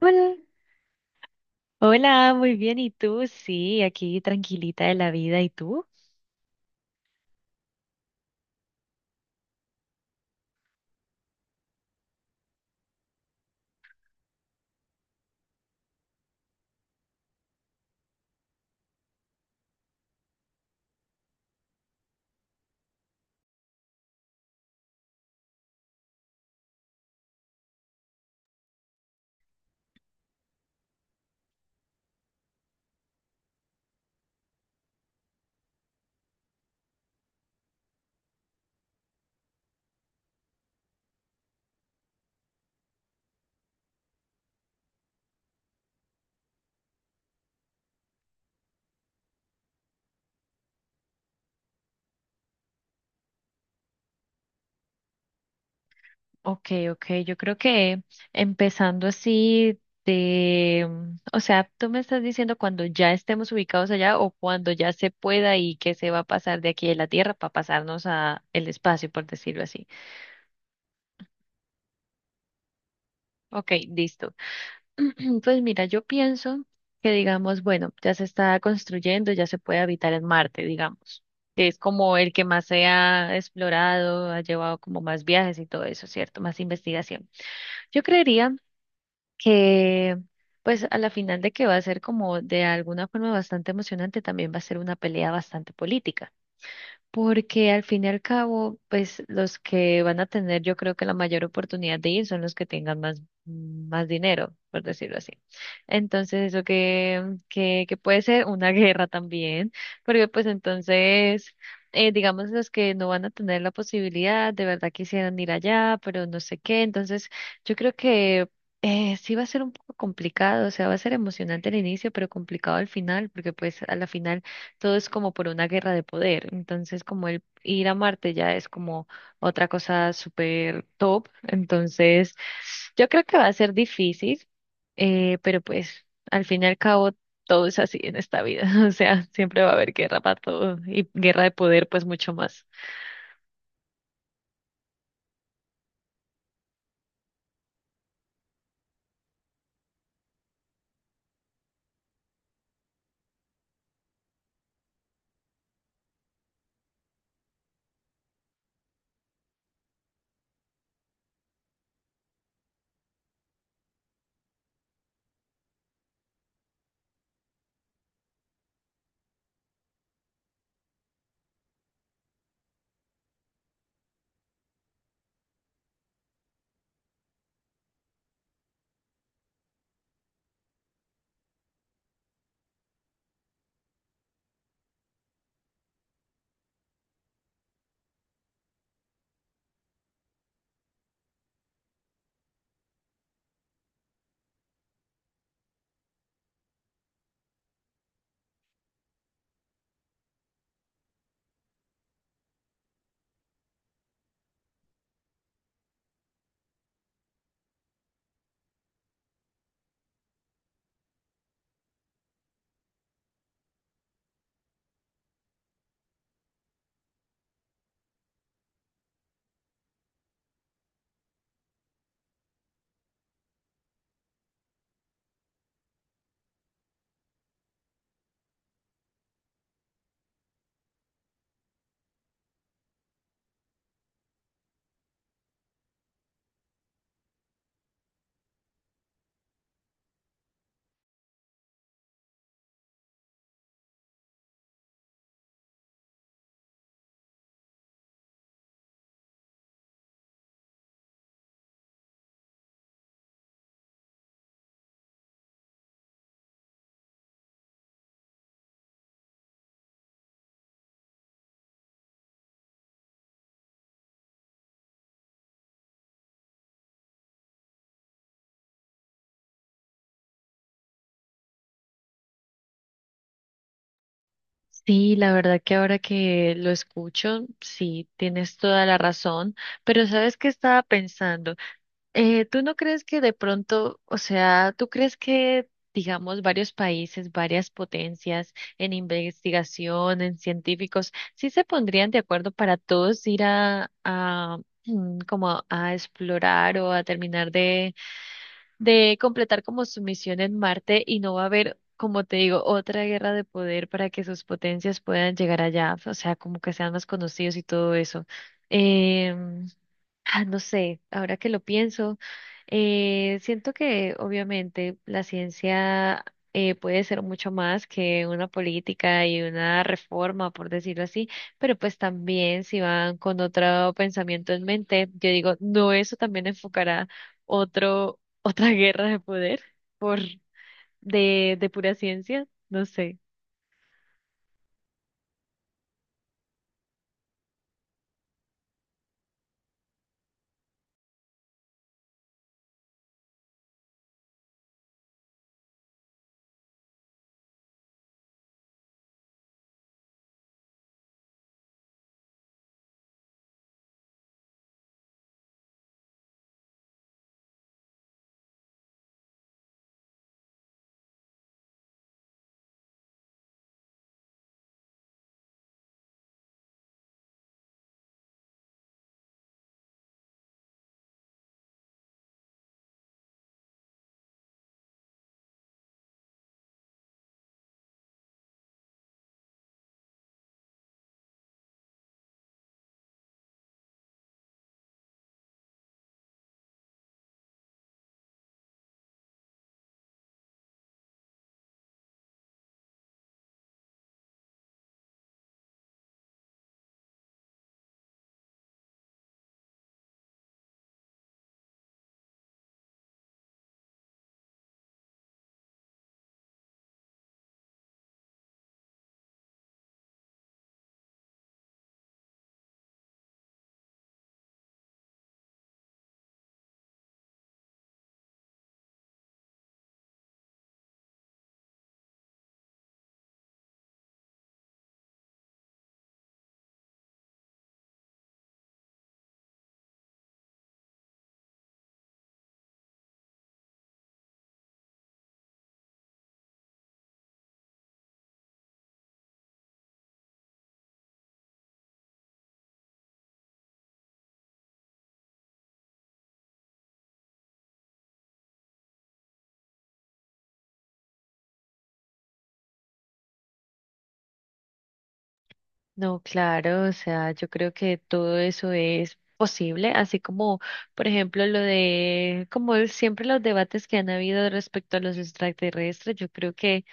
Hola, muy bien. ¿Y tú? Sí, aquí tranquilita de la vida. ¿Y tú? Ok, yo creo que empezando así de, o sea, tú me estás diciendo cuando ya estemos ubicados allá o cuando ya se pueda y que se va a pasar de aquí de la Tierra para pasarnos a el espacio, por decirlo así. Ok, listo. Pues mira, yo pienso que digamos, bueno, ya se está construyendo, ya se puede habitar en Marte, digamos. Es como el que más se ha explorado, ha llevado como más viajes y todo eso, ¿cierto? Más investigación. Yo creería que, pues a la final de que va a ser como de alguna forma bastante emocionante, también va a ser una pelea bastante política porque al fin y al cabo, pues los que van a tener, yo creo que la mayor oportunidad de ir son los que tengan más dinero, por decirlo así. Entonces, eso que puede ser una guerra también, porque pues entonces, digamos, los que no van a tener la posibilidad, de verdad quisieran ir allá, pero no sé qué. Entonces, yo creo que... Sí va a ser un poco complicado, o sea, va a ser emocionante al inicio, pero complicado al final, porque pues a la final todo es como por una guerra de poder. Entonces, como el ir a Marte ya es como otra cosa súper top. Entonces, yo creo que va a ser difícil, pero pues al fin y al cabo todo es así en esta vida. O sea, siempre va a haber guerra para todo y guerra de poder, pues mucho más. Sí, la verdad que ahora que lo escucho, sí, tienes toda la razón, pero ¿sabes qué estaba pensando? ¿Tú no crees que de pronto, o sea, tú crees que, digamos, varios países, varias potencias en investigación, en científicos, sí se pondrían de acuerdo para todos ir a como a explorar o a terminar de completar como su misión en Marte y no va a haber, como te digo, otra guerra de poder para que sus potencias puedan llegar allá, o sea, como que sean más conocidos y todo eso? Em, Ah, no sé, ahora que lo pienso, siento que obviamente la ciencia puede ser mucho más que una política y una reforma, por decirlo así, pero pues también si van con otro pensamiento en mente, yo digo, no, eso también enfocará otra guerra de poder por de pura ciencia, no sé. No, claro, o sea, yo creo que todo eso es posible, así como, por ejemplo, lo de, como siempre los debates que han habido respecto a los extraterrestres, yo creo que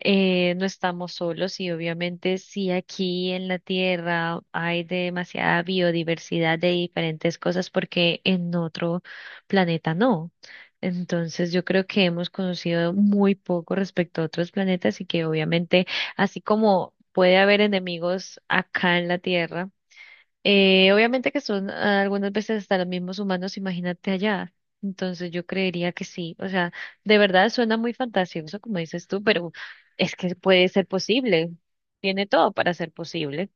no estamos solos y obviamente sí aquí en la Tierra hay demasiada biodiversidad de diferentes cosas porque en otro planeta no. Entonces yo creo que hemos conocido muy poco respecto a otros planetas y que obviamente así como puede haber enemigos acá en la Tierra, obviamente que son algunas veces hasta los mismos humanos, imagínate allá. Entonces yo creería que sí. O sea, de verdad suena muy fantasioso, como dices tú, pero es que puede ser posible. Tiene todo para ser posible.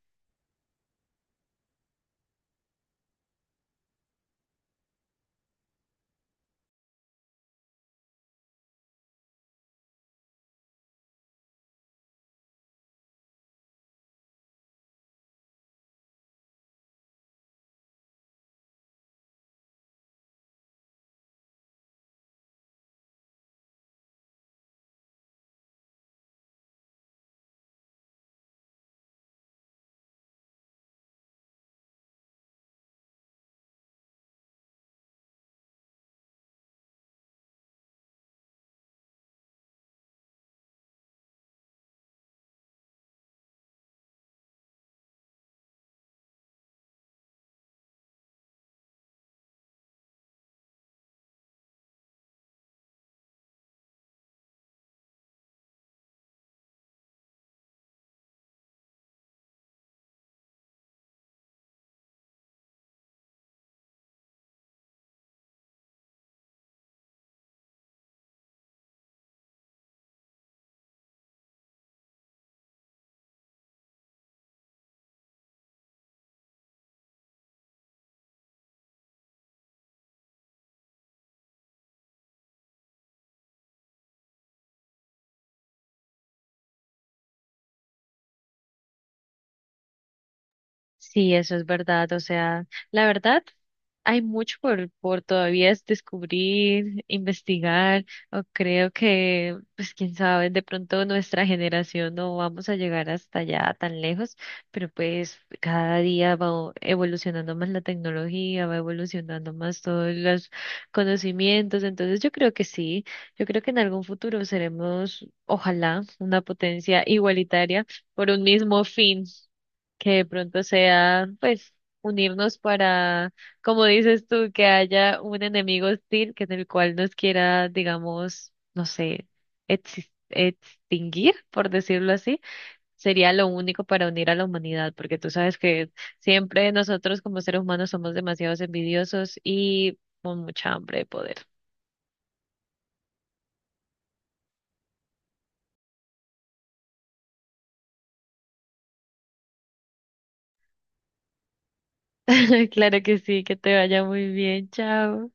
Sí, eso es verdad. O sea, la verdad. Hay mucho por todavía es descubrir, investigar, o creo que, pues quién sabe, de pronto nuestra generación no vamos a llegar hasta allá tan lejos, pero pues cada día va evolucionando más la tecnología, va evolucionando más todos los conocimientos, entonces yo creo que sí, yo creo que en algún futuro seremos, ojalá, una potencia igualitaria por un mismo fin, que de pronto sea, pues, unirnos para como dices tú, que haya un enemigo hostil que en el cual nos quiera, digamos, no sé, exis- extinguir, por decirlo así, sería lo único para unir a la humanidad, porque tú sabes que siempre nosotros como seres humanos somos demasiados envidiosos y con mucha hambre de poder. Claro que sí, que te vaya muy bien, chao.